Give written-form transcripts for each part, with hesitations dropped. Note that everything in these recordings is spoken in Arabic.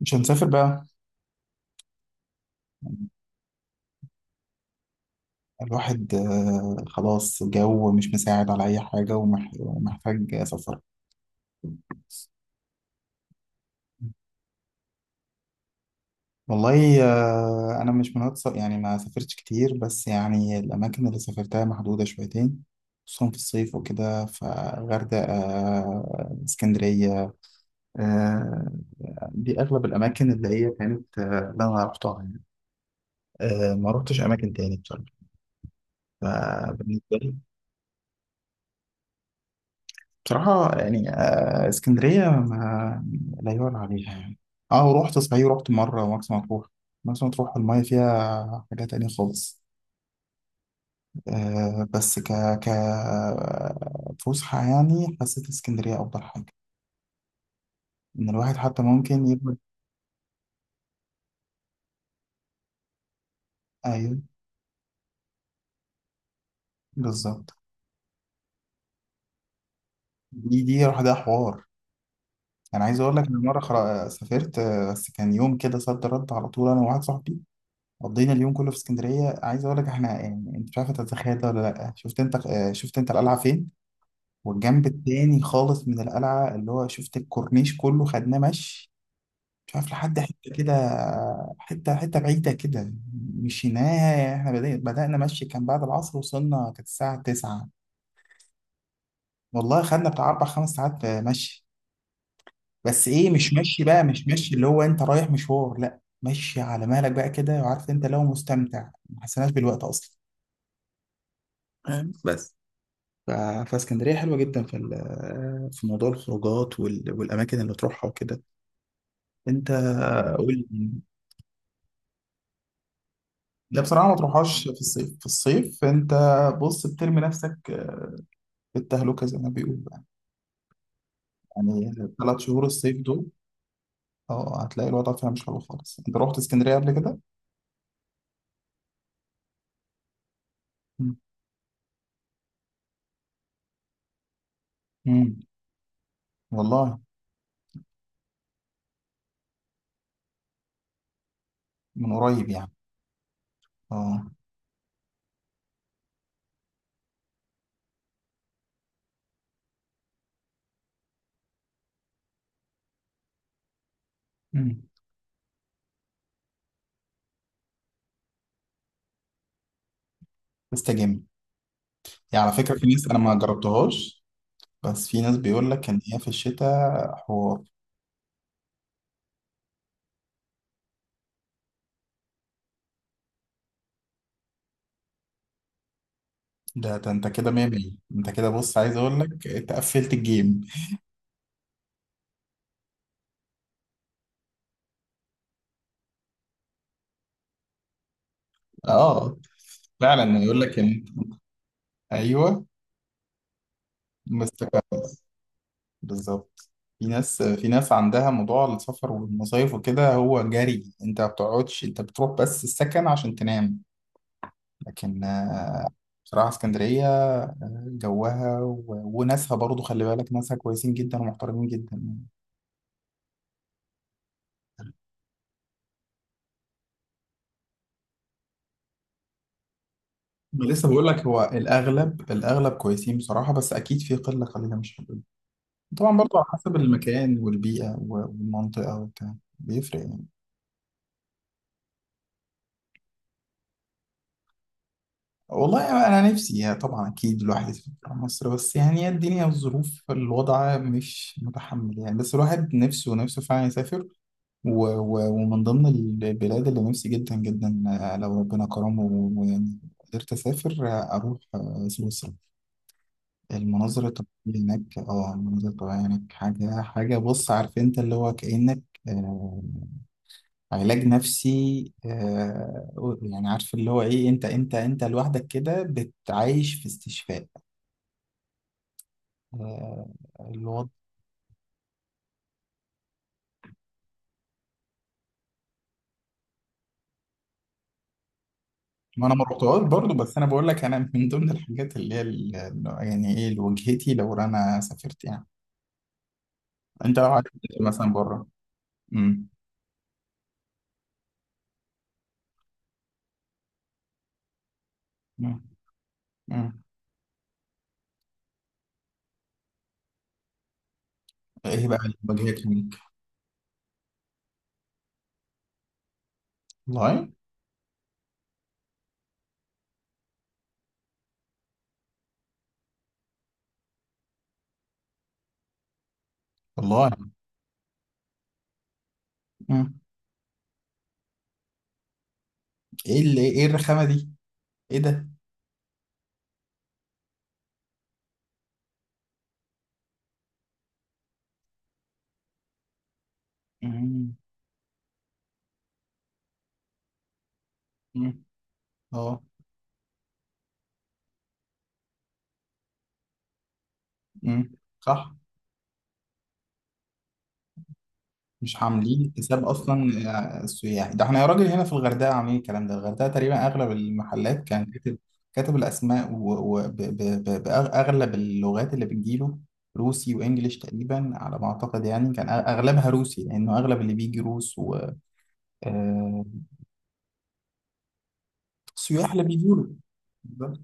مش هنسافر بقى. الواحد خلاص، جو مش مساعد على أي حاجة ومحتاج سفر. والله، أنا مش يعني ما سافرتش كتير، بس يعني الأماكن اللي سافرتها محدودة شويتين. خصوصا في الصيف وكده، فغردقة، اسكندرية. آه. دي أغلب الأماكن اللي هي كانت، اللي أنا رحتها يعني. ما رحتش أماكن تاني بصراحة. فبالنسبة لي. بصراحة يعني، اسكندرية ما لا يعلى عليها يعني. اه ورحت، صحيح رحت مرة مرسى مطروح. مرسى مطروح المية فيها حاجة تانية خالص. بس ك ك فسحة، يعني حسيت اسكندرية أفضل حاجة. إن الواحد حتى ممكن يبقى. أيوه. بالظبط. دي لوحدها حوار. أنا عايز أقول لك إن مرة سافرت، بس كان يوم كده صد رد على طول، أنا وواحد صاحبي. قضينا اليوم كله في اسكندريه. عايز اقول لك احنا، يعني انت مش عارف تتخيل ده ولا لا. شفت انت القلعه فين؟ والجنب التاني خالص من القلعه، اللي هو شفت الكورنيش كله خدناه مشي. مش عارف لحد حته كده. حته حته بعيده كده. مشيناها احنا، بدانا مشي كان بعد العصر، وصلنا كانت الساعه 9. والله خدنا بتاع اربع خمس ساعات، مشي. بس ايه، مش مشي بقى، مش مشي اللي هو انت رايح مشوار. لا مشي على مهلك بقى كده، وعارف انت لو مستمتع ما حسيناش بالوقت اصلا. بس ف- فاسكندرية حلوة جدا، في موضوع الخروجات، والأماكن اللي تروحها وكده. أنت. قول لي. لا بصراحة ما تروحهاش في الصيف. في الصيف أنت بص بترمي نفسك في التهلكة زي ما بيقولوا يعني. يعني ثلاث شهور الصيف دول. اه هتلاقي الوضع فيها مش حلو خالص. أنت رحت اسكندرية قبل كده؟ مم. مم. والله. من قريب يعني. اه. مم. استجم. يعني على فكرة، في ناس أنا ما جربتهاش. بس في ناس بيقول لك إن هي في الشتاء حوار. ده انت كده مية مية. انت كده بص، عايز اقول لك انت قفلت الجيم. اه. فعلا يقول لك ان، ايوه. مستقر. بالظبط. في ناس عندها موضوع السفر والمصايف وكده، هو جري، انت ما بتقعدش، انت بتروح بس السكن عشان تنام. لكن، بصراحة اسكندرية، جوها وناسها برضو، خلي بالك ناسها كويسين جدا ومحترمين جدا. ما لسه بقول لك، هو الاغلب كويسين بصراحة، بس اكيد في قلة قليلة مش حلوة. طبعا برضه على حسب المكان والبيئة والمنطقة وبتاع بيفرق يعني. والله أنا نفسي يعني، طبعا أكيد الواحد يسافر برا مصر، بس يعني هي الدنيا والظروف، الوضع مش متحمل يعني، بس الواحد نفسه نفسه فعلا يسافر. و و ومن ضمن البلاد اللي نفسي جدا جدا، لو ربنا كرمه ويعني قدرت أسافر، أروح سويسرا. المناظر الطبيعية هناك حاجة حاجة، بص عارف أنت اللي هو كأنك آه، علاج نفسي. يعني عارف اللي هو ايه، انت لوحدك كده بتعيش في استشفاء، آه الوضع. ما انا ما رحتهاش برضه، بس انا بقول لك، انا من ضمن الحاجات اللي هي يعني ايه لوجهتي لو انا سافرت يعني. انت لو عايز تسافر مثلا بره. امم. أمم. أمم. ايه بقى اللي واجهتك هناك؟ والله. والله. أمم. ايه الرخامه دي؟ ايه ده؟ أمم. أمم. اه. أمم. صح. مش عاملين حساب اصلا. السياح، ده احنا يا راجل هنا في الغردقه عاملين الكلام ده. الغردقه تقريبا اغلب المحلات كان كاتب الاسماء وباغلب اللغات اللي بتجيله. روسي وانجليش تقريبا على ما اعتقد يعني. كان اغلبها روسي، لانه اغلب اللي بيجي روس. والسياح اللي بيجوا له. بالظبط.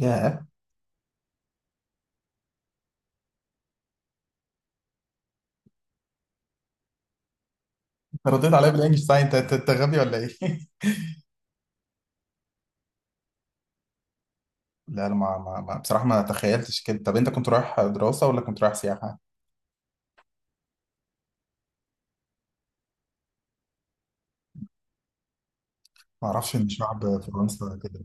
ياه. انت رديت عليا بالانجلش. صحيح، انت انت أنت غبي ولا ايه؟ لا انا بصراحه ما تخيلتش كده. طب انت كنت رايح دراسه ولا كنت رايح سياحه؟ ما اعرفش ان شعب فرنسا كده.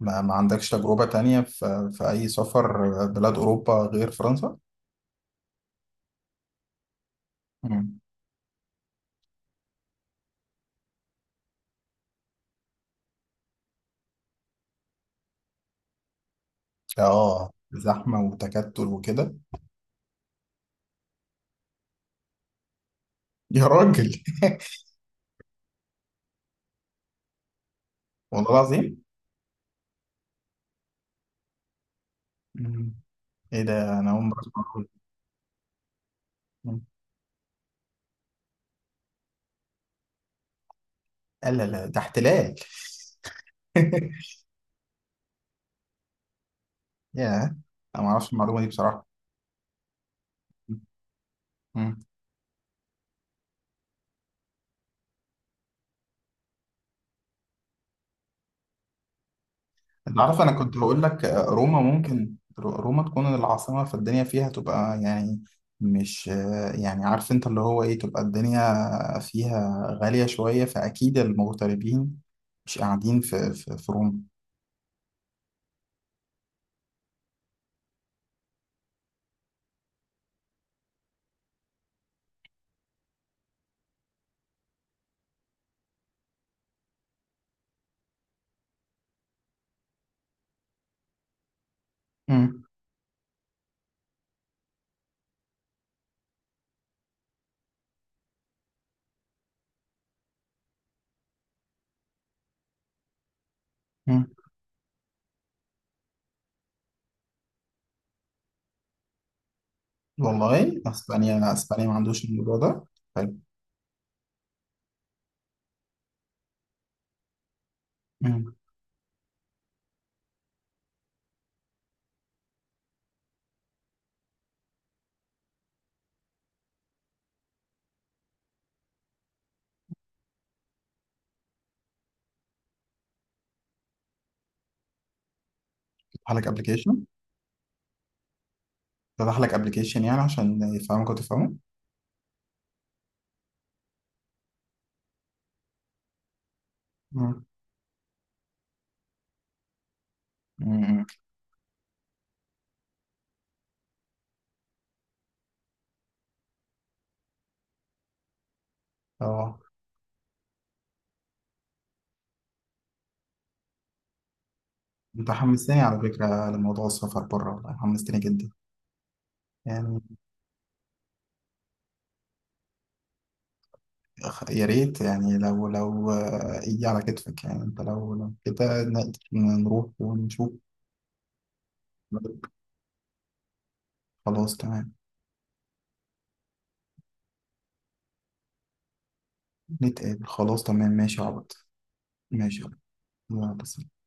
ما عندكش تجربة تانية في أي سفر بلاد أوروبا غير فرنسا؟ مم. زحمة وتكتل وكده. يا راجل. والله العظيم. مم. إيه ده، أنا أول مرة أسمع المعلومة دي. مم. لا لا لا، ده احتلال. يا. أنا ما أعرفش المعلومة دي بصراحة. مم. انت عارف انا كنت هقول لك، روما ممكن روما تكون العاصمة، فالدنيا فيها تبقى يعني. مش، يعني عارف انت اللي هو ايه تبقى الدنيا فيها غالية شوية، فأكيد المغتربين مش قاعدين في روما. مم. مم. والله، اسبانيا ما عندوش الموضوع ده. حلو. مم. فتح لك ابلكيشن. فتح لك ابلكيشن يعني عشان يفهمك وتفهمه. مم. مم. اه. انت حمستني على فكرة لموضوع السفر بره، والله حمستني جدا. يعني. يا ريت يعني، لو يجي على كتفك يعني، انت لو كده نقدر نروح ونشوف. خلاص تمام. نتقابل، خلاص تمام، ماشي يا عبد. ماشي يا عبد. يلا،